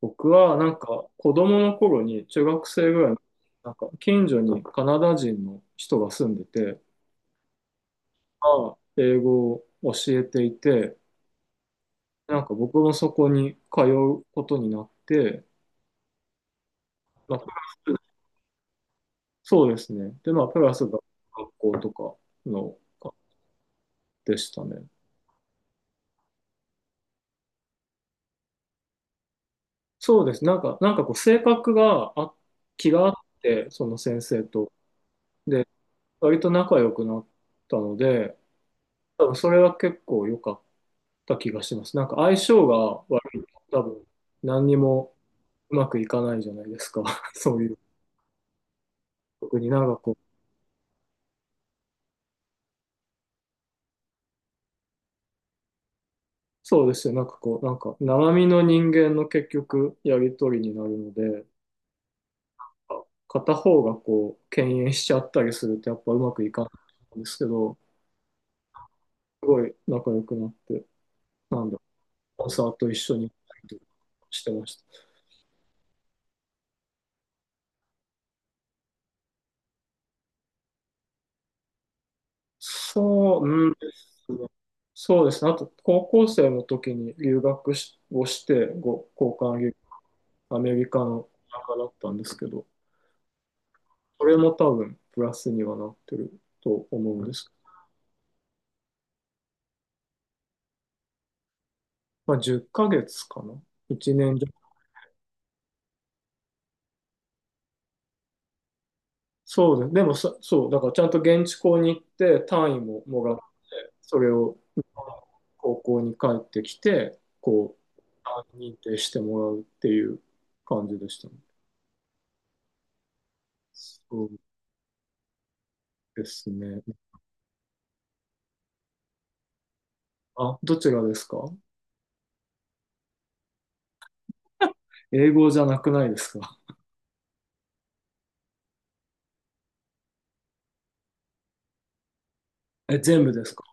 僕はなんか子供の頃に中学生ぐらいのなんか近所にカナダ人の人が住んでて、まあ英語を教えていて、なんか僕もそこに通うことになって、まあ、プラス、そうですね。で、まあ、プラスが学校とかのでしたね。そうです。なんかこう性格があ、気があって、その先生と。で、割と仲良くなったので、多分それは結構良かった気がしてます。なんか相性が悪いと多分何にもうまくいかないじゃないですか。そういう、特になんかこう、そうですよ。なんかこう、なんか生身の人間の結局やりとりになるので、片方がこう、敬遠しちゃったりするとやっぱうまくいかないんですけど、すごい仲良くなって、なんだ、コンサート一緒に行ったりとかしてました。そう、うんですね。そうですね。あと、高校生の時に留学しをして、ご交換留アメリカの中だったんですけど、それも多分プラスにはなってると思うんです。まあ、10ヶ月かげつかな？ 1 年弱。そうです。でもさ、そう、だからちゃんと現地校に行って単位ももらって、それを日本の高校に帰ってきて、こう、単位認定してもらうっていう感じでしたね。そうですね。あ、どちらですか？英語じゃなくないですか？え、全部ですか？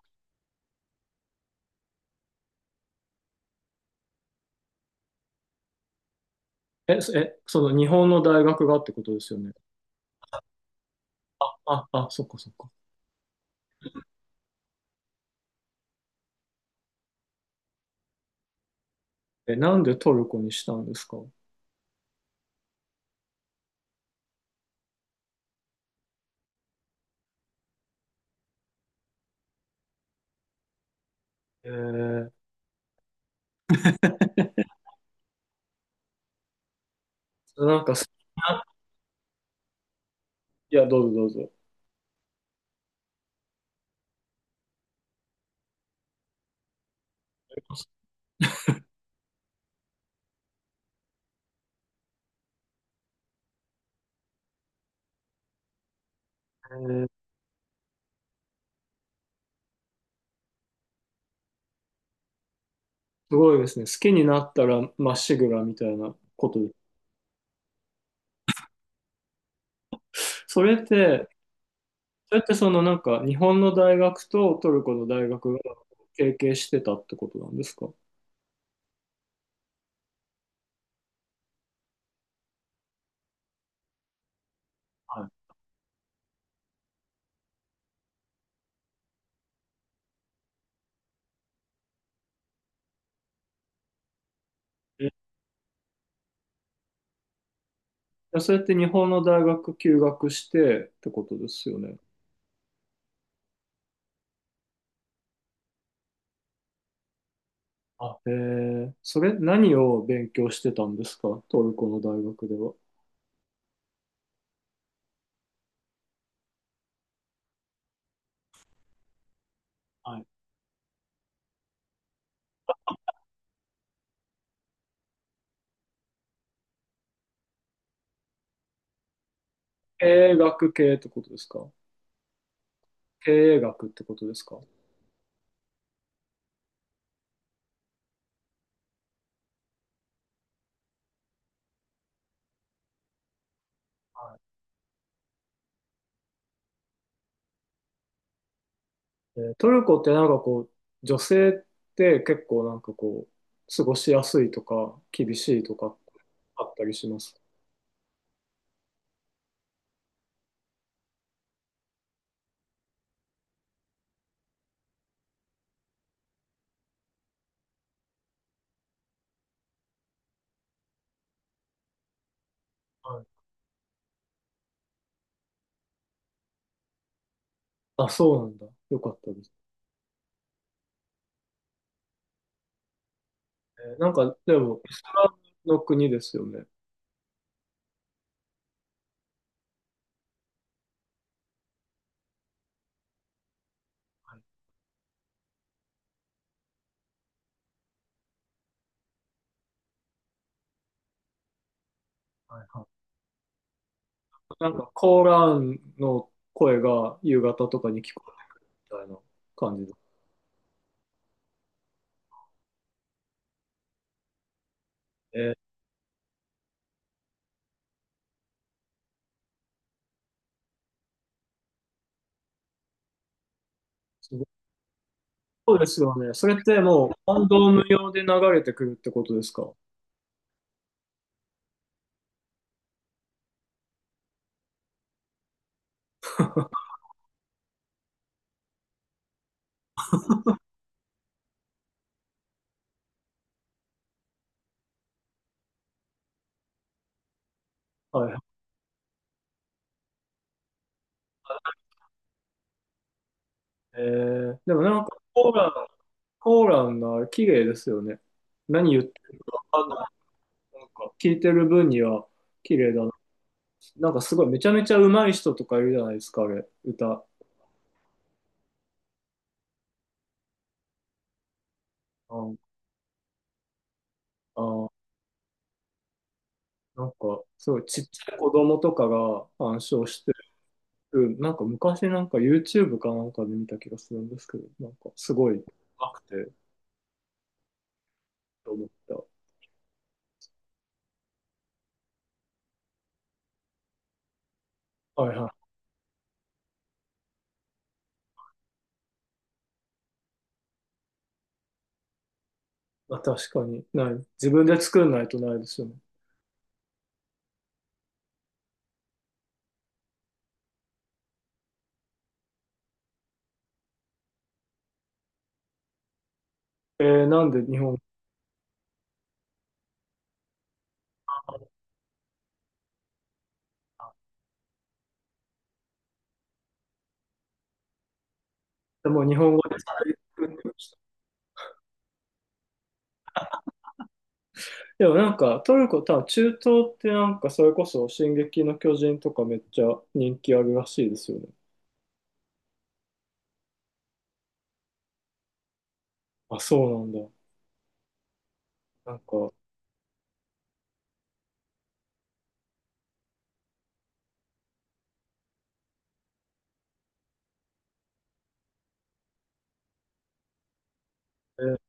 え、そえ、その日本の大学がってことですよね。あ、そっかそっか。え、なんでトルコにしたんですか？えー、なんか好きな、いや、どうぞどうぞ。えー、すごいですね。好きになったらまっしぐらみたいなことで。それって、それってそのなんか日本の大学とトルコの大学が提携してたってことなんですか？はい。それって日本の大学休学してってことですよね。あ、それ何を勉強してたんですか？トルコの大学では。はい。経営学系ってことですか？経営学ってことですか？はい。トルコってなんかこう、女性って結構なんかこう、過ごしやすいとか、厳しいとかあったりします？はい。あ、そうなんだ。よかったです。なんかでも、イスラムの国ですよね。はい。はいはい。なんかコーランの声が夕方とかに聞こえるみたいな感じだ。えーすごい。そうですよね。それってもう、ワンドーム用で流れてくるってことですか？はい。でもなんかコーランが綺麗ですよね。何言ってるかな、なんか聞いてる分には綺麗だな。なんかすごいめちゃめちゃ上手い人とかいるじゃないですか、あれ、歌。ああ、なんかすごいちっちゃい子供とかが鑑賞してる。なんか昔なんか YouTube かなんかで見た気がするんですけど、なんかすごい上手くてと思った。はいはい。まあ、確かにない。自分で作んないとないですよね。なんで日本でもう日本語で作ってました。でもなんかトルコ、多分中東ってなんかそれこそ「進撃の巨人」とかめっちゃ人気あるらしいですよね。あ、そうなんだ。なんか、えー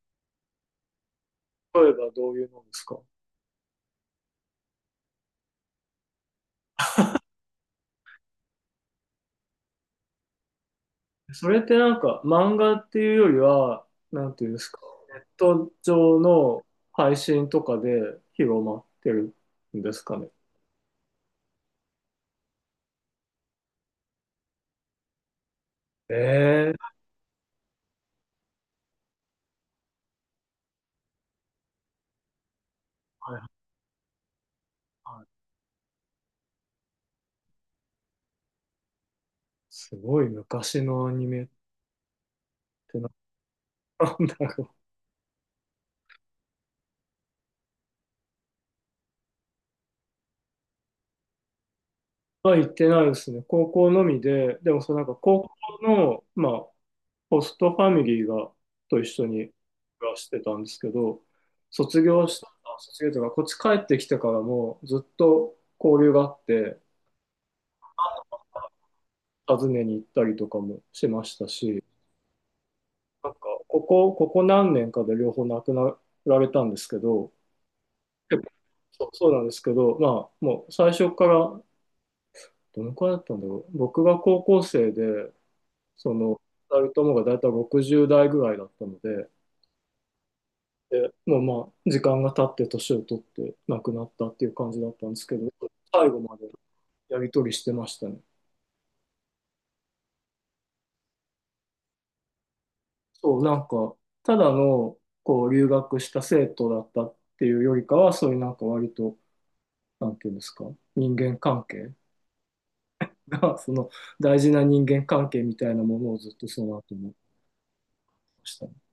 例えばどういうのですか？それってなんか漫画っていうよりは、なんていうんですか、ネット上の配信とかで広まってるんですかね。えー、はいはいはい。すごい昔のアニメってなんだろう。は行ってないですね。高校のみで、でもそのなんか高校の、まあ、ホストファミリーが、と一緒に暮らしてたんですけど、卒業した、あ卒業というか、こっち帰ってきてからもずっと交流があって、訪ねに行ったりとかもしましたし、なんか、ここ何年かで両方亡くなられたんですけど、結構そう、そうなんですけど、まあ、もう最初から、どのくらいだったんだろう。僕が高校生で、その、二人ともがだいたい60代ぐらいだったので、で、もうまあ、時間が経って年を取って亡くなったっていう感じだったんですけど、最後までやり取りしてましたね。そう、なんか、ただの、こう、留学した生徒だったっていうよりかは、そういうなんか割と、なんていうんですか、人間関係が その、大事な人間関係みたいなものをずっとその後もしてました。